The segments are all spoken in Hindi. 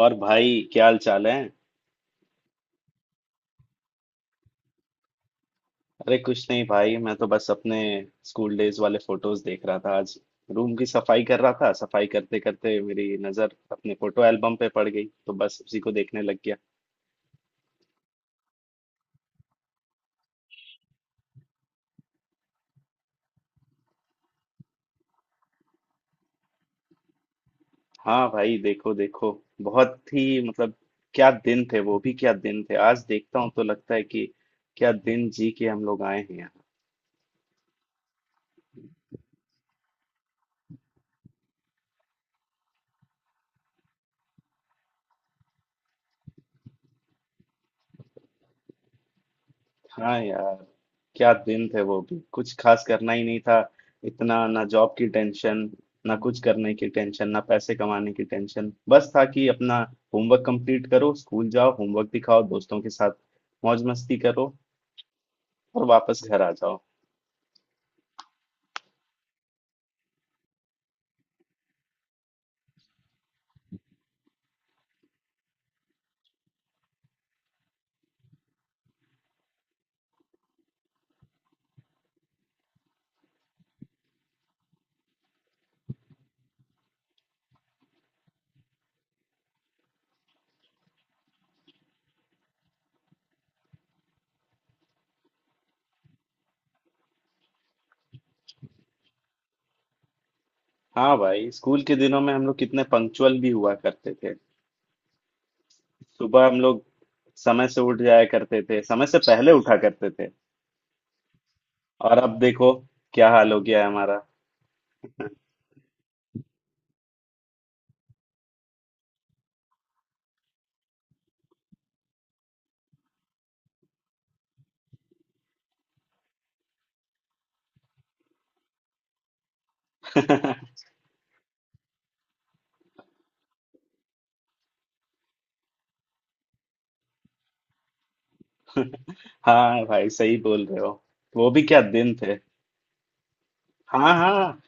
और भाई क्या हाल चाल है। अरे कुछ नहीं भाई मैं तो बस अपने स्कूल डेज वाले फोटोज देख रहा था। आज रूम की सफाई कर रहा था, सफाई करते करते मेरी नजर अपने फोटो एल्बम पे पड़ गई तो बस उसी को देखने लग गया। हाँ भाई, देखो देखो। बहुत ही मतलब, क्या दिन थे वो भी। क्या दिन थे, आज देखता हूँ तो लगता है कि क्या दिन जी के हम लोग आए हैं। हाँ यार, क्या दिन थे वो भी। कुछ खास करना ही नहीं था। इतना ना जॉब की टेंशन, ना कुछ करने की टेंशन, ना पैसे कमाने की टेंशन। बस था कि अपना होमवर्क कंप्लीट करो, स्कूल जाओ, होमवर्क दिखाओ, दोस्तों के साथ मौज मस्ती करो और वापस घर आ जाओ। हाँ भाई, स्कूल के दिनों में हम लोग कितने पंक्चुअल भी हुआ करते थे। सुबह हम लोग समय से उठ जाया करते थे, समय से पहले उठा करते थे। और अब देखो क्या हाल हो गया है हमारा। हाँ भाई, सही बोल रहे हो। वो भी क्या दिन थे। हाँ हाँ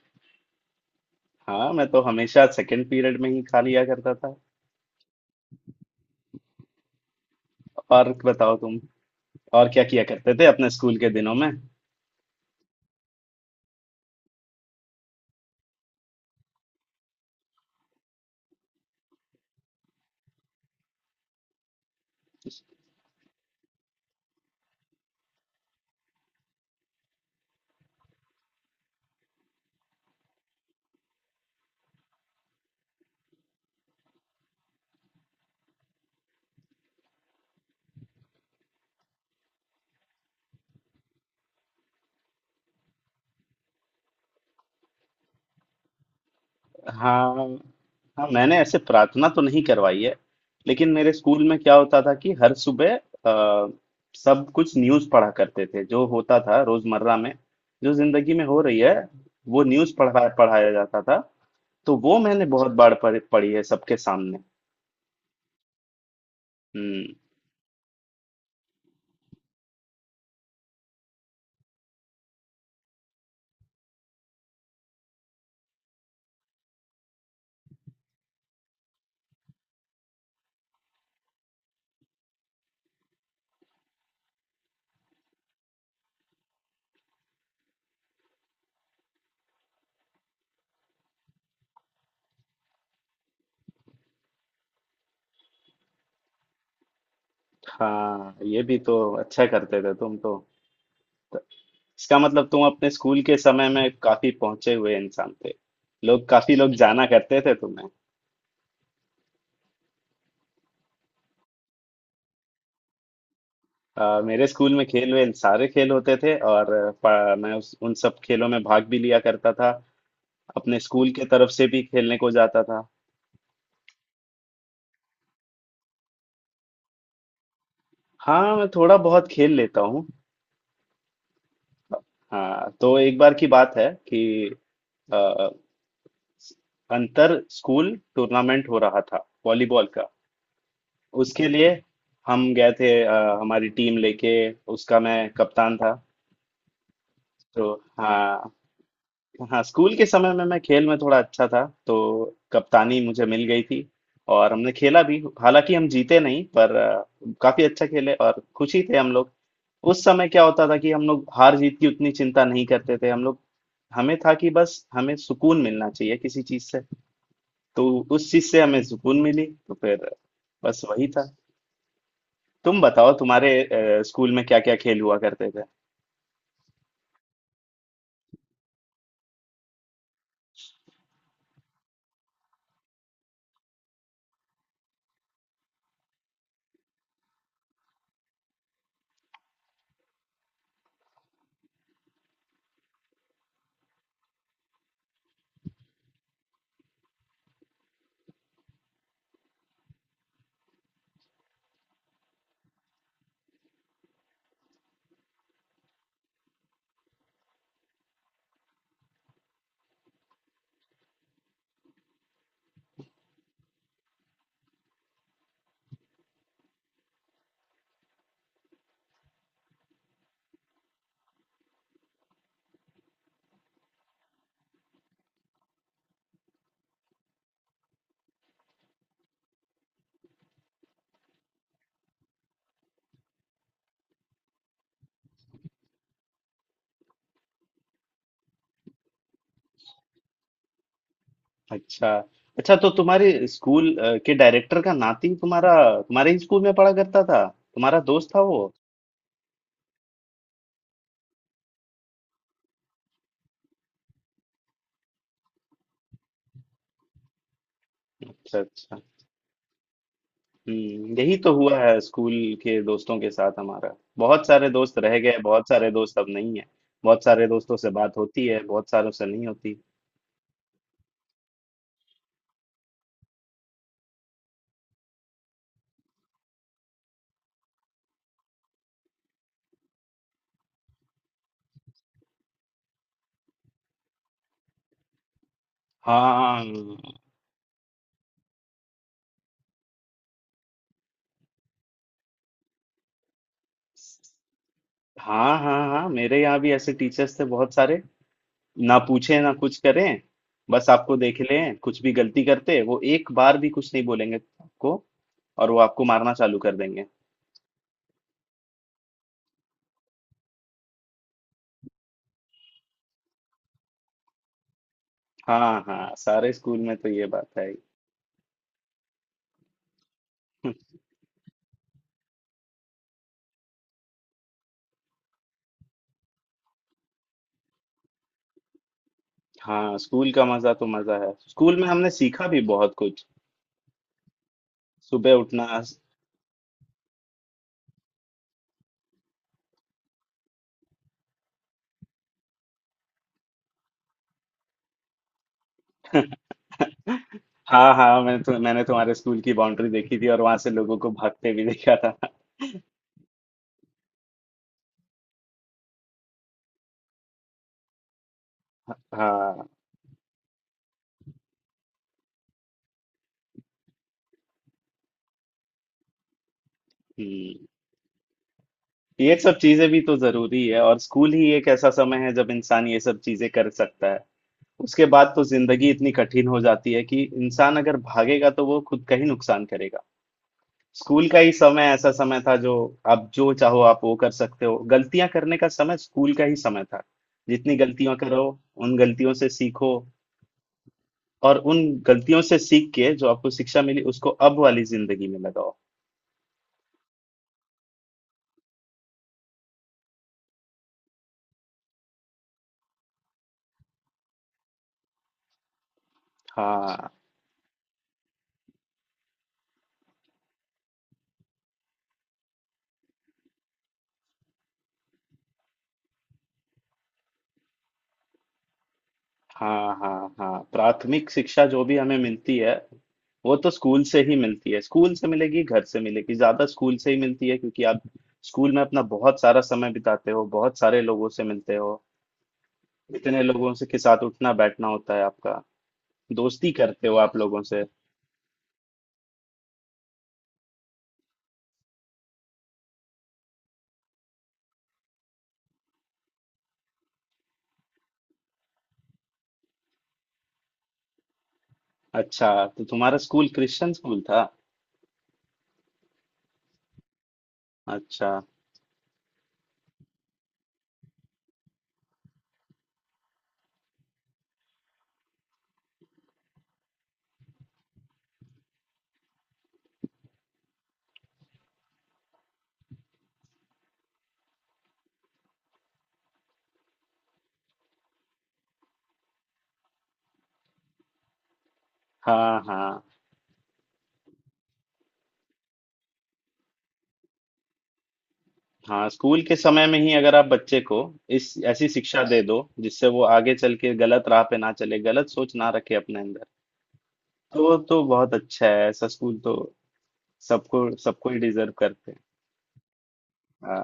हाँ, मैं तो हमेशा सेकंड पीरियड में ही खा लिया करता था। और बताओ तुम, और क्या किया करते थे अपने स्कूल के दिनों में। हाँ हाँ, मैंने ऐसे प्रार्थना तो नहीं करवाई है। लेकिन मेरे स्कूल में क्या होता था कि हर सुबह सब कुछ न्यूज़ पढ़ा करते थे, जो होता था रोजमर्रा में, जो जिंदगी में हो रही है, वो न्यूज़ पढ़ा पढ़ाया जाता था। तो वो मैंने बहुत बार पढ़ी है सबके सामने। हम्म। हाँ, ये भी तो अच्छा करते थे तुम तो। त- इसका मतलब तुम अपने स्कूल के समय में काफी पहुंचे हुए इंसान थे। लोग काफी लोग जाना करते थे तुम्हें। मेरे स्कूल में खेल वेल सारे खेल होते थे और मैं उन सब खेलों में भाग भी लिया करता था। अपने स्कूल के तरफ से भी खेलने को जाता था। हाँ, मैं थोड़ा बहुत खेल लेता हूँ। हाँ तो एक बार की बात है कि अ, अंतर स्कूल टूर्नामेंट हो रहा था वॉलीबॉल का। उसके लिए हम गए थे, हमारी टीम लेके। उसका मैं कप्तान था। तो हाँ हाँ, स्कूल के समय में मैं खेल में थोड़ा अच्छा था तो कप्तानी मुझे मिल गई थी। और हमने खेला भी, हालांकि हम जीते नहीं पर काफी अच्छा खेले और खुशी थे हम लोग। उस समय क्या होता था कि हम लोग हार जीत की उतनी चिंता नहीं करते थे हम लोग। हमें था कि बस हमें सुकून मिलना चाहिए किसी चीज से। तो उस चीज से हमें सुकून मिली तो फिर बस वही था। तुम बताओ, तुम्हारे स्कूल में क्या क्या खेल हुआ करते थे। अच्छा अच्छा, तो तुम्हारे स्कूल के डायरेक्टर का नाती तुम्हारा तुम्हारे ही स्कूल में पढ़ा करता था। तुम्हारा दोस्त था वो। अच्छा अच्छा। हम्म, यही तो हुआ है स्कूल के दोस्तों के साथ हमारा। बहुत सारे दोस्त रह गए, बहुत सारे दोस्त अब नहीं है। बहुत सारे दोस्तों से बात होती है, बहुत सारों से नहीं होती। हाँ हाँ हाँ हाँ हाँ, मेरे यहाँ भी ऐसे टीचर्स थे बहुत सारे। ना पूछे, ना कुछ करें, बस आपको देख लें कुछ भी गलती करते, वो एक बार भी कुछ नहीं बोलेंगे आपको और वो आपको मारना चालू कर देंगे। हाँ हाँ, सारे स्कूल में तो ये बात है ही। हाँ, स्कूल का मजा तो मजा है। स्कूल में हमने सीखा भी बहुत कुछ। सुबह उठना। हाँ हाँ, मैंने तुम्हारे स्कूल की बाउंड्री देखी थी और वहां से लोगों को भागते भी देखा था। हाँ। हम्म ये सब चीजें भी तो जरूरी है और स्कूल ही एक ऐसा समय है जब इंसान ये सब चीजें कर सकता है। उसके बाद तो जिंदगी इतनी कठिन हो जाती है कि इंसान अगर भागेगा तो वो खुद का ही नुकसान करेगा। स्कूल का ही समय ऐसा समय था जो आप जो चाहो आप वो कर सकते हो। गलतियां करने का समय स्कूल का ही समय था। जितनी गलतियां करो, उन गलतियों से सीखो और उन गलतियों से सीख के जो आपको शिक्षा मिली उसको अब वाली जिंदगी में लगाओ। हाँ हाँ हाँ हाँ, प्राथमिक शिक्षा जो भी हमें मिलती है वो तो स्कूल से ही मिलती है। स्कूल से मिलेगी, घर से मिलेगी, ज्यादा स्कूल से ही मिलती है, क्योंकि आप स्कूल में अपना बहुत सारा समय बिताते हो, बहुत सारे लोगों से मिलते हो। इतने लोगों से के साथ उठना बैठना होता है आपका। दोस्ती करते हो आप लोगों से। अच्छा, तो तुम्हारा स्कूल क्रिश्चियन स्कूल था। अच्छा। हाँ हाँ हाँ, स्कूल के समय में ही अगर आप बच्चे को इस ऐसी शिक्षा दे दो जिससे वो आगे चल के गलत राह पे ना चले, गलत सोच ना रखे अपने अंदर, तो वो तो बहुत अच्छा है। ऐसा स्कूल तो सबको सबको ही डिजर्व करते हैं। आ,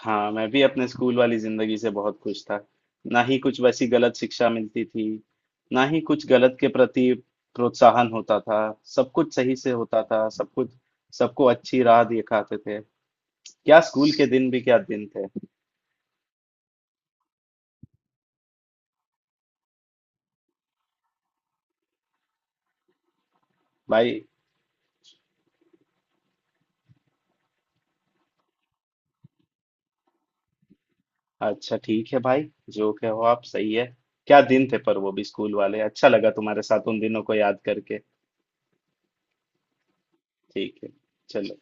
हाँ, मैं भी अपने स्कूल वाली जिंदगी से बहुत खुश था। ना ही कुछ वैसी गलत शिक्षा मिलती थी, ना ही कुछ गलत के प्रति प्रोत्साहन होता था। सब कुछ सही से होता था। सब कुछ सबको अच्छी राह दिखाते थे। क्या स्कूल के दिन भी क्या दिन थे। भाई, अच्छा ठीक है भाई। जो कहो आप सही है। क्या दिन थे पर वो भी स्कूल वाले। अच्छा लगा तुम्हारे साथ उन दिनों को याद करके। ठीक है, चलो।